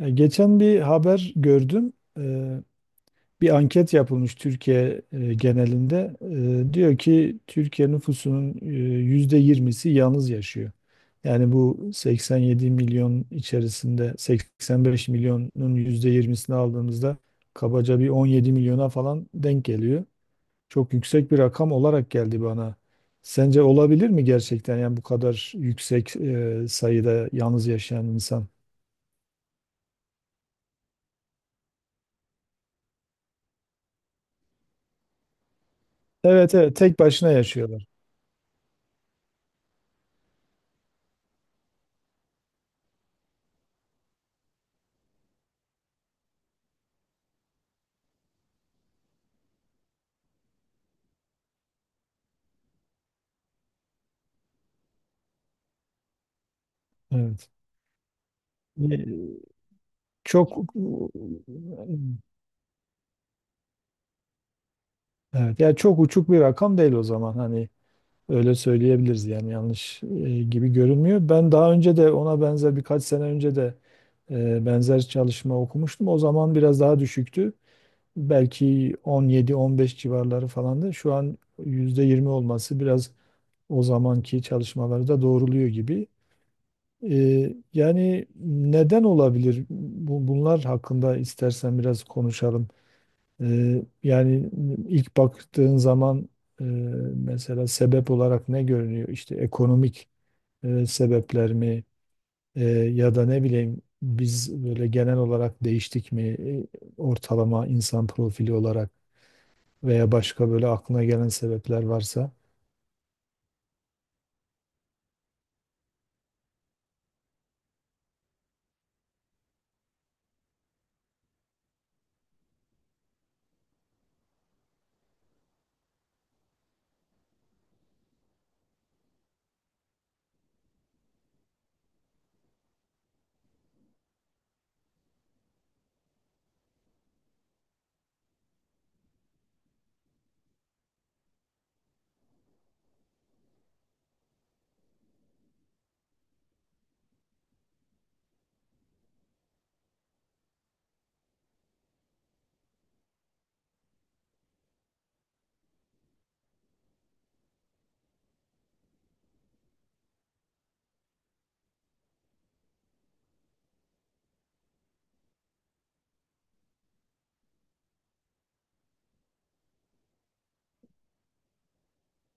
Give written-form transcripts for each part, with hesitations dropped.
Geçen bir haber gördüm. E, Bir anket yapılmış Türkiye genelinde. Diyor ki Türkiye nüfusunun %20'si yalnız yaşıyor. Yani bu 87 milyon içerisinde 85 milyonun %20'sini aldığımızda kabaca bir 17 milyona falan denk geliyor. Çok yüksek bir rakam olarak geldi bana. Sence olabilir mi gerçekten yani bu kadar yüksek sayıda yalnız yaşayan insan? Evet, evet, tek başına yaşıyor. Evet. E, Çok evet. Yani çok uçuk bir rakam değil o zaman, hani öyle söyleyebiliriz, yani yanlış gibi görünmüyor. Ben daha önce de ona benzer, birkaç sene önce de benzer çalışma okumuştum. O zaman biraz daha düşüktü. Belki 17-15 civarları falandı. Şu an %20 olması biraz o zamanki çalışmaları da doğruluyor gibi. E, yani neden olabilir? Bunlar hakkında istersen biraz konuşalım. Yani ilk baktığın zaman eee, mesela sebep olarak ne görünüyor? İşte ekonomik sebepler mi, Eee, ya da ne bileyim biz böyle genel olarak değiştik mi, ortalama insan profili olarak veya başka böyle aklına gelen sebepler varsa.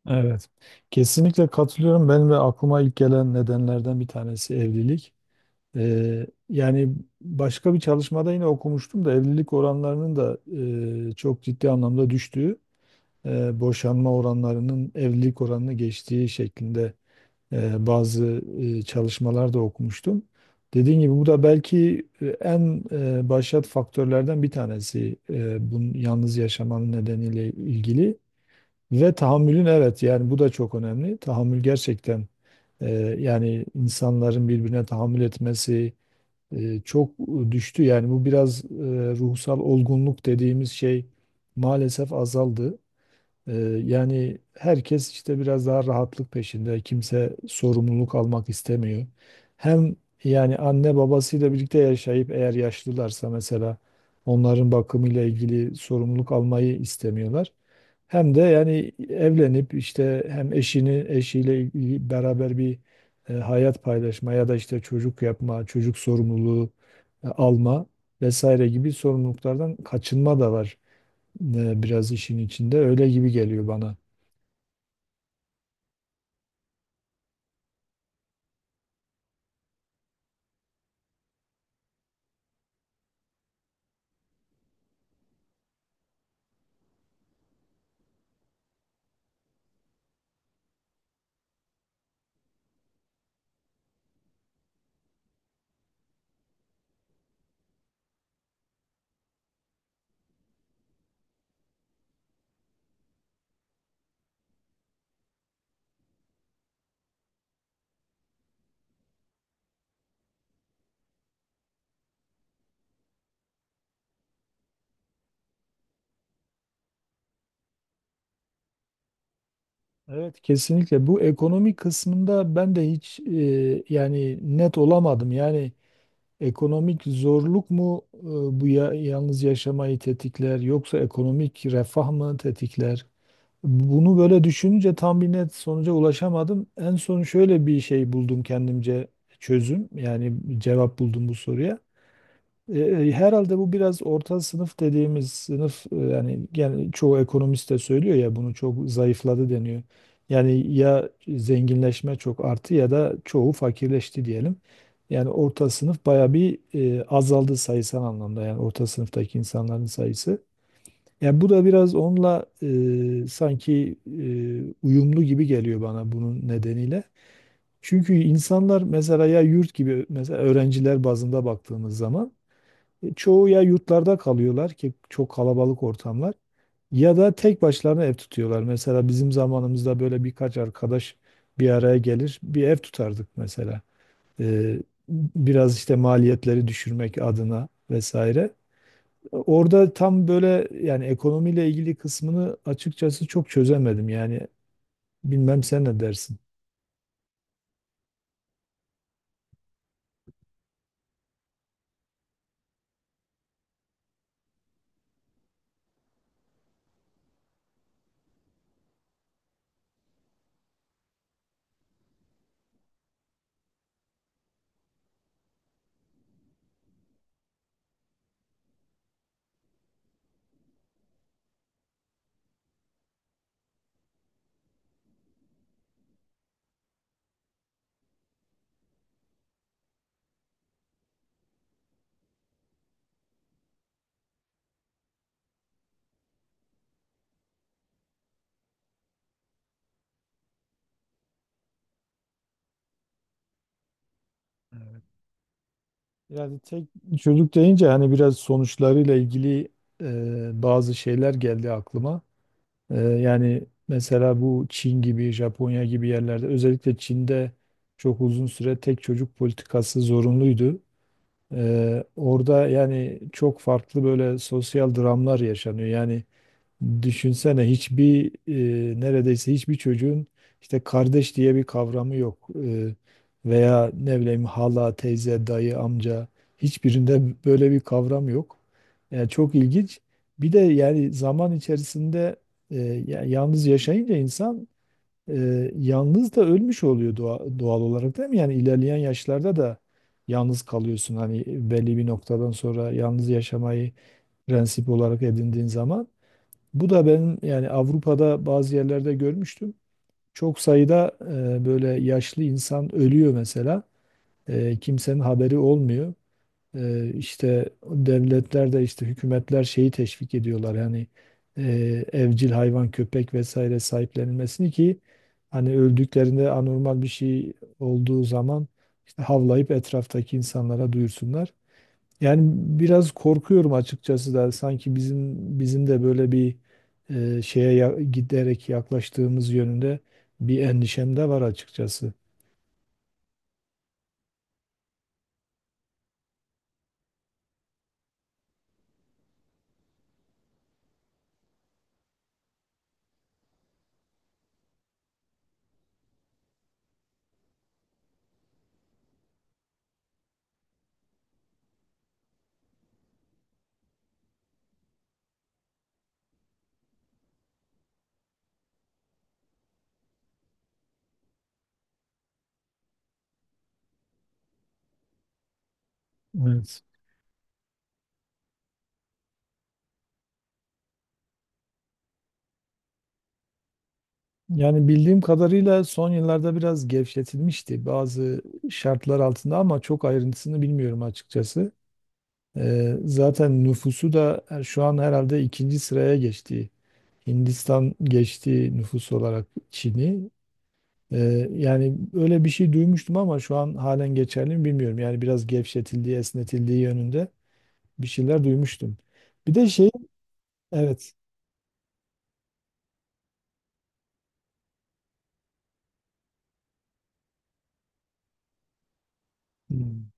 Evet, kesinlikle katılıyorum. Ben ve aklıma ilk gelen nedenlerden bir tanesi evlilik. Yani başka bir çalışmada yine okumuştum da evlilik oranlarının da çok ciddi anlamda düştüğü, boşanma oranlarının evlilik oranını geçtiği şeklinde bazı çalışmalar da okumuştum. Dediğim gibi bu da belki en başat faktörlerden bir tanesi, bunun yalnız yaşamanın nedeniyle ilgili ve tahammülün, evet, yani bu da çok önemli. Tahammül gerçekten, e, yani insanların birbirine tahammül etmesi çok düştü. Yani bu biraz ruhsal olgunluk dediğimiz şey maalesef azaldı. Ee, yani herkes işte biraz daha rahatlık peşinde. Kimse sorumluluk almak istemiyor. Hem yani anne babasıyla birlikte yaşayıp eğer yaşlılarsa mesela onların bakımıyla ilgili sorumluluk almayı istemiyorlar. Hem de yani evlenip işte hem eşiyle ilgili beraber bir hayat paylaşma, ya da işte çocuk yapma, çocuk sorumluluğu alma vesaire gibi sorumluluklardan kaçınma da var, biraz işin içinde öyle gibi geliyor bana. Evet, kesinlikle bu ekonomik kısmında ben de hiç yani net olamadım. Yani ekonomik zorluk mu, bu ya, yalnız yaşamayı tetikler yoksa ekonomik refah mı tetikler? Bunu böyle düşününce tam bir net sonuca ulaşamadım. En son şöyle bir şey buldum kendimce, çözüm yani cevap buldum bu soruya. Herhalde bu biraz orta sınıf dediğimiz sınıf, yani gene çoğu ekonomist de söylüyor ya bunu, çok zayıfladı deniyor. Yani ya zenginleşme çok arttı ya da çoğu fakirleşti diyelim. Yani orta sınıf baya bir azaldı sayısal anlamda, yani orta sınıftaki insanların sayısı. Yani bu da biraz onunla sanki uyumlu gibi geliyor bana bunun nedeniyle. Çünkü insanlar mesela, ya yurt gibi, mesela öğrenciler bazında baktığımız zaman çoğu ya yurtlarda kalıyorlar ki çok kalabalık ortamlar, ya da tek başlarına ev tutuyorlar. Mesela bizim zamanımızda böyle birkaç arkadaş bir araya gelir bir ev tutardık mesela. E, Biraz işte maliyetleri düşürmek adına vesaire. Orada tam böyle, yani ekonomiyle ilgili kısmını açıkçası çok çözemedim. Yani bilmem sen ne dersin? Yani tek çocuk deyince hani biraz sonuçlarıyla ilgili bazı şeyler geldi aklıma. Yani mesela bu Çin gibi, Japonya gibi yerlerde özellikle Çin'de çok uzun süre tek çocuk politikası zorunluydu. Orada yani çok farklı böyle sosyal dramlar yaşanıyor. Yani düşünsene neredeyse hiçbir çocuğun işte kardeş diye bir kavramı yok. Veya ne bileyim hala, teyze, dayı, amca, hiçbirinde böyle bir kavram yok. Yani çok ilginç. Bir de yani zaman içerisinde e, yalnız yaşayınca insan e, yalnız da ölmüş oluyor doğal olarak, değil mi? Yani ilerleyen yaşlarda da yalnız kalıyorsun. Hani belli bir noktadan sonra yalnız yaşamayı prensip olarak edindiğin zaman. Bu da benim, yani Avrupa'da bazı yerlerde görmüştüm. Çok sayıda böyle yaşlı insan ölüyor mesela. Kimsenin haberi olmuyor. İşte devletler de işte hükümetler şeyi teşvik ediyorlar. Yani e, evcil hayvan, köpek vesaire sahiplenilmesini ki hani öldüklerinde anormal bir şey olduğu zaman işte havlayıp etraftaki insanlara duyursunlar. Yani biraz korkuyorum açıkçası da sanki bizim de böyle bir giderek yaklaştığımız yönünde bir endişem de var açıkçası. Evet. Yani bildiğim kadarıyla son yıllarda biraz gevşetilmişti bazı şartlar altında, ama çok ayrıntısını bilmiyorum açıkçası. Zaten nüfusu da şu an herhalde ikinci sıraya geçti. Hindistan geçti nüfus olarak Çin'i. Yani öyle bir şey duymuştum ama şu an halen geçerli mi bilmiyorum. Yani biraz gevşetildiği, esnetildiği yönünde bir şeyler duymuştum. Bir de şey, evet, hmm,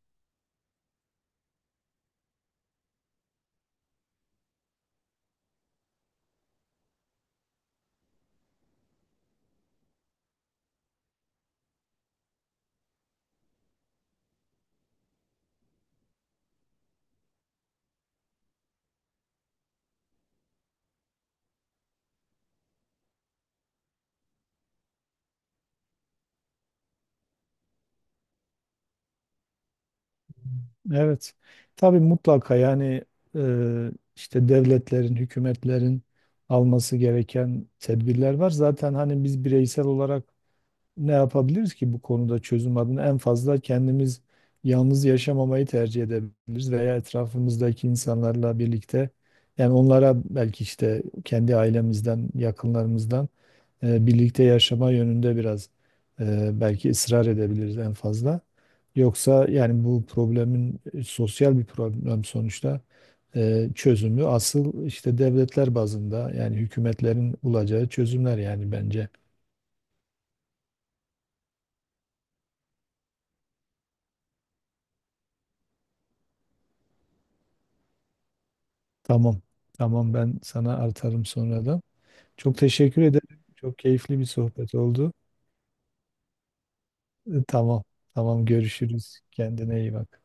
evet. Tabii mutlaka yani e, işte devletlerin, hükümetlerin alması gereken tedbirler var. Zaten hani biz bireysel olarak ne yapabiliriz ki bu konuda çözüm adına? En fazla kendimiz yalnız yaşamamayı tercih edebiliriz veya etrafımızdaki insanlarla birlikte, yani onlara belki, işte kendi ailemizden, yakınlarımızdan birlikte yaşama yönünde biraz belki ısrar edebiliriz en fazla. Yoksa yani bu problemin, sosyal bir problem sonuçta, çözümü asıl işte devletler bazında, yani hükümetlerin bulacağı çözümler yani bence. Tamam. Tamam, ben sana artarım sonradan. Çok teşekkür ederim. Çok keyifli bir sohbet oldu. Tamam. Tamam, görüşürüz. Kendine iyi bak.